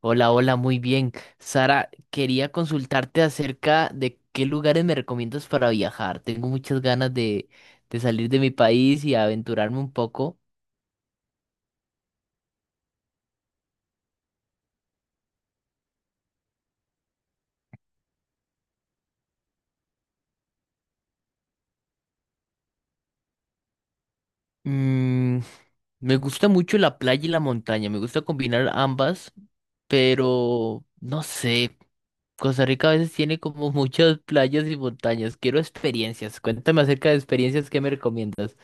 Hola, hola, muy bien. Sara, quería consultarte acerca de qué lugares me recomiendas para viajar. Tengo muchas ganas de salir de mi país y aventurarme un poco. Mm, me gusta mucho la playa y la montaña, me gusta combinar ambas, pero no sé, Costa Rica a veces tiene como muchas playas y montañas. Quiero experiencias. Cuéntame acerca de experiencias que me recomiendas.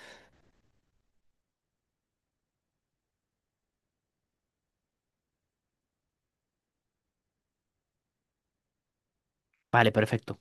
Vale, perfecto.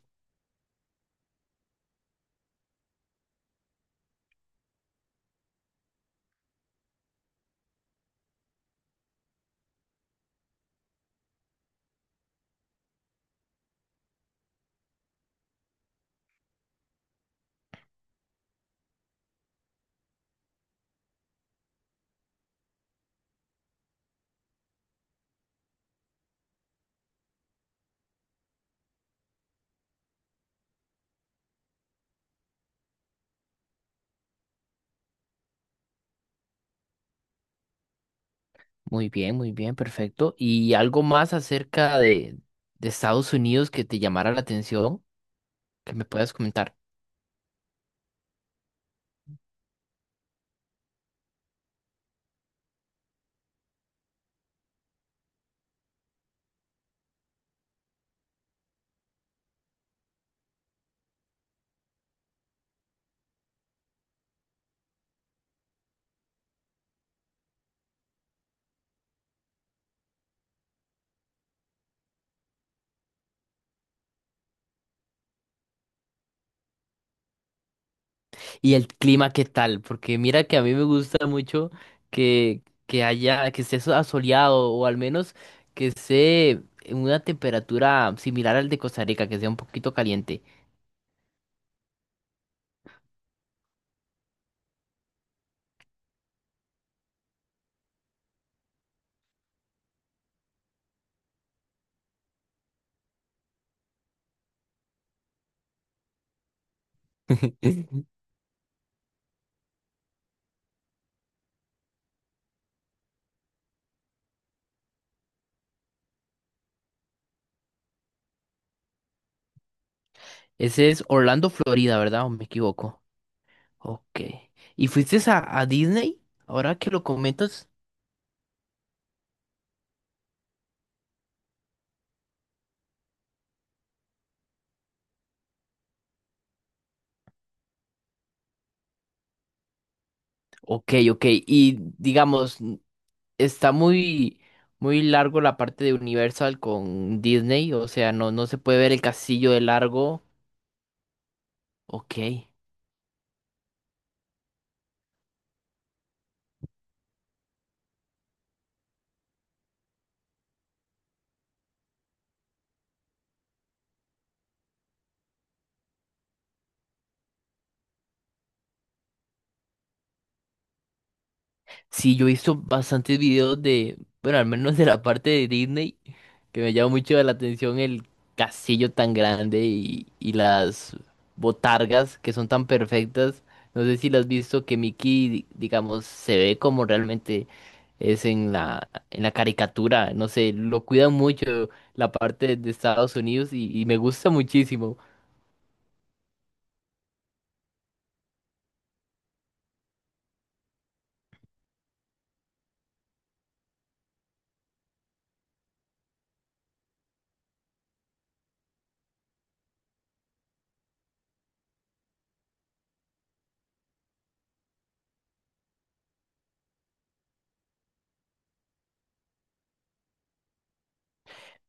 Muy bien, perfecto. ¿Y algo más acerca de Estados Unidos que te llamara la atención, que me puedas comentar? ¿Y el clima qué tal? Porque mira que a mí me gusta mucho que haya, que esté asoleado o al menos que esté en una temperatura similar al de Costa Rica, que sea un poquito caliente. Ese es Orlando, Florida, ¿verdad? ¿O me equivoco? Ok. ¿Y fuiste a Disney? Ahora que lo comentas. Ok, ok. Y digamos está muy, muy largo la parte de Universal con Disney, o sea, no, no se puede ver el castillo de largo. Ok. Sí, yo he visto bastantes videos de, bueno, al menos de la parte de Disney, que me llama mucho la atención el castillo tan grande y las botargas que son tan perfectas. No sé si las has visto que Mickey, digamos, se ve como realmente es en la caricatura, no sé, lo cuidan mucho la parte de Estados Unidos y me gusta muchísimo.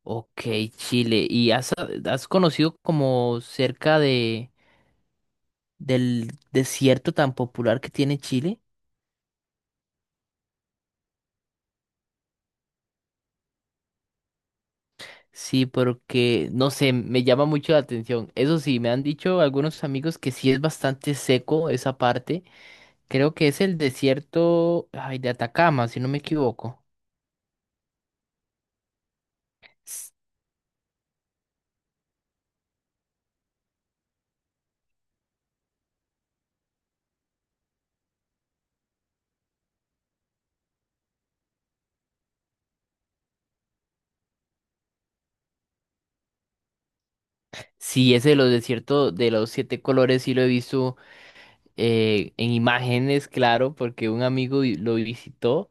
Ok, Chile, ¿y has, has conocido como cerca de, del desierto tan popular que tiene Chile? Sí, porque, no sé, me llama mucho la atención. Eso sí, me han dicho algunos amigos que sí es bastante seco esa parte. Creo que es el desierto, ay, de Atacama, si no me equivoco. Sí, ese de los desiertos de los siete colores sí lo he visto en imágenes, claro, porque un amigo lo visitó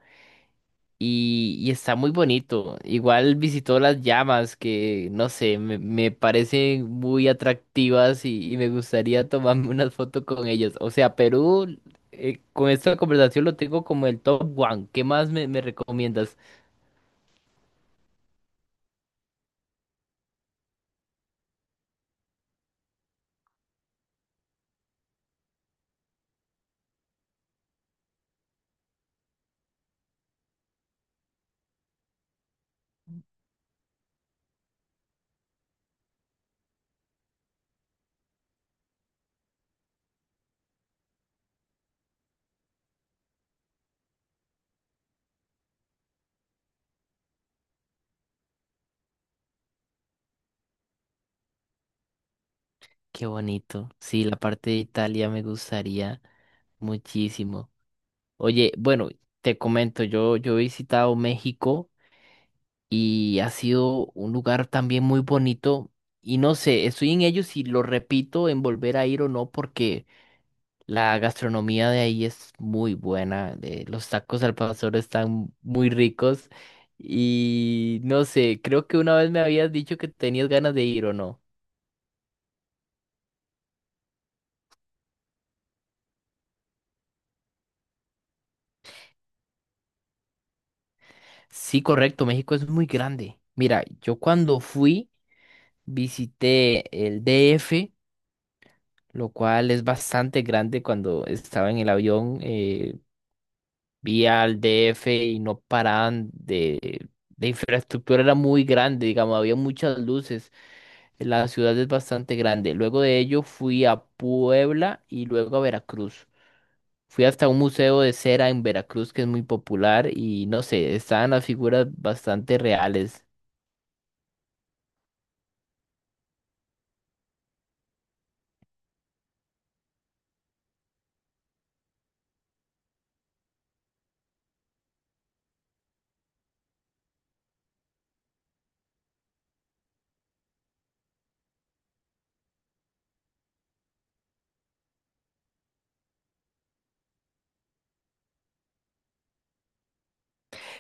y está muy bonito. Igual visitó las llamas que, no sé, me parecen muy atractivas y me gustaría tomarme una foto con ellas. O sea, Perú, con esta conversación lo tengo como el top one. ¿Qué más me recomiendas? Qué bonito. Sí, la parte de Italia me gustaría muchísimo. Oye, bueno, te comento, yo he visitado México y ha sido un lugar también muy bonito y no sé, estoy en ello si lo repito en volver a ir o no porque la gastronomía de ahí es muy buena, los tacos al pastor están muy ricos y no sé, creo que una vez me habías dicho que tenías ganas de ir o no. Sí, correcto, México es muy grande. Mira, yo cuando fui visité el D. F. lo cual es bastante grande. Cuando estaba en el avión, vi al DF y no paraban de... La infraestructura era muy grande, digamos, había muchas luces. La ciudad es bastante grande. Luego de ello fui a Puebla y luego a Veracruz. Fui hasta un museo de cera en Veracruz que es muy popular y no sé, estaban las figuras bastante reales.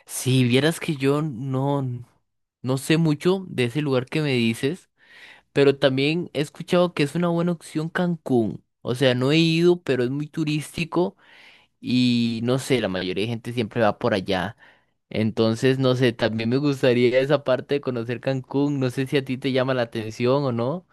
Si vieras que yo no, no sé mucho de ese lugar que me dices. Pero también he escuchado que es una buena opción Cancún. O sea, no he ido, pero es muy turístico y no sé, la mayoría de gente siempre va por allá. Entonces, no sé, también me gustaría esa parte de conocer Cancún. No sé si a ti te llama la atención o no.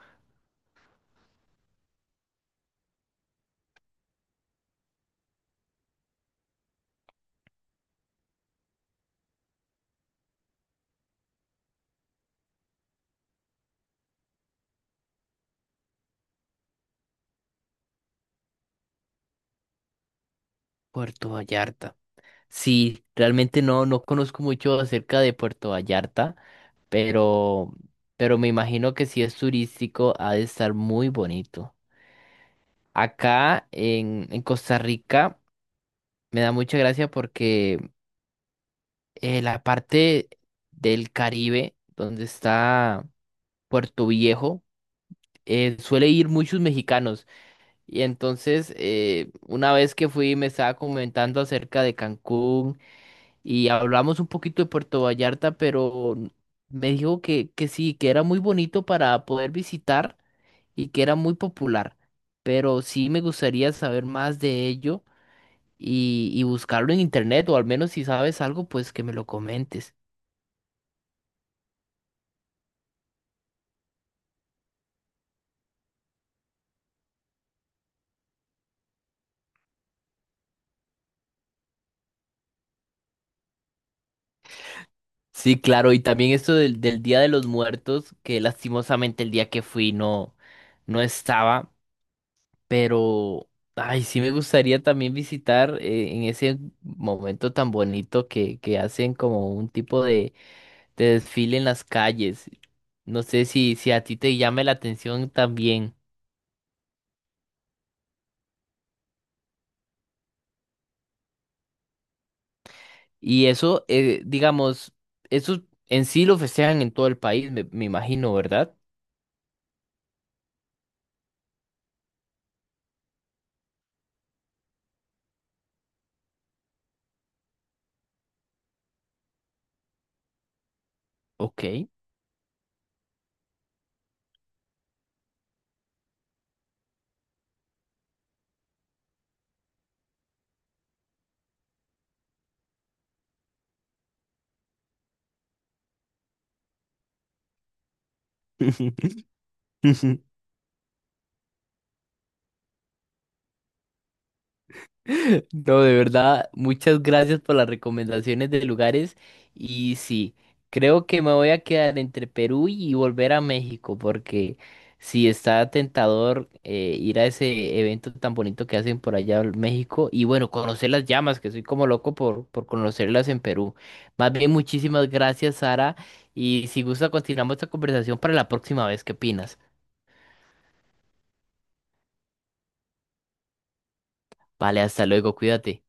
Puerto Vallarta. Sí, realmente no conozco mucho acerca de Puerto Vallarta, pero, pero me imagino que si es turístico ha de estar muy bonito. Acá en Costa Rica me da mucha gracia porque la parte del Caribe, donde está Puerto Viejo, suele ir muchos mexicanos. Y entonces, una vez que fui, me estaba comentando acerca de Cancún y hablamos un poquito de Puerto Vallarta, pero me dijo que sí, que era muy bonito para poder visitar y que era muy popular. Pero sí me gustaría saber más de ello y buscarlo en internet, o al menos si sabes algo, pues que me lo comentes. Sí, claro, y también esto del Día de los Muertos, que lastimosamente el día que fui no, no estaba, pero ay, sí me gustaría también visitar en ese momento tan bonito que hacen como un tipo de desfile en las calles. No sé si, si a ti te llame la atención también. Y eso, digamos, eso en sí lo festejan en todo el país, me imagino, ¿verdad? Ok. No, de verdad, muchas gracias por las recomendaciones de lugares. Y sí, creo que me voy a quedar entre Perú y volver a México, porque sí está tentador ir a ese evento tan bonito que hacen por allá en México. Y bueno, conocer las llamas, que soy como loco por conocerlas en Perú. Más bien, muchísimas gracias, Sara. Y si gusta, continuamos esta conversación para la próxima vez. ¿Qué opinas? Vale, hasta luego, cuídate.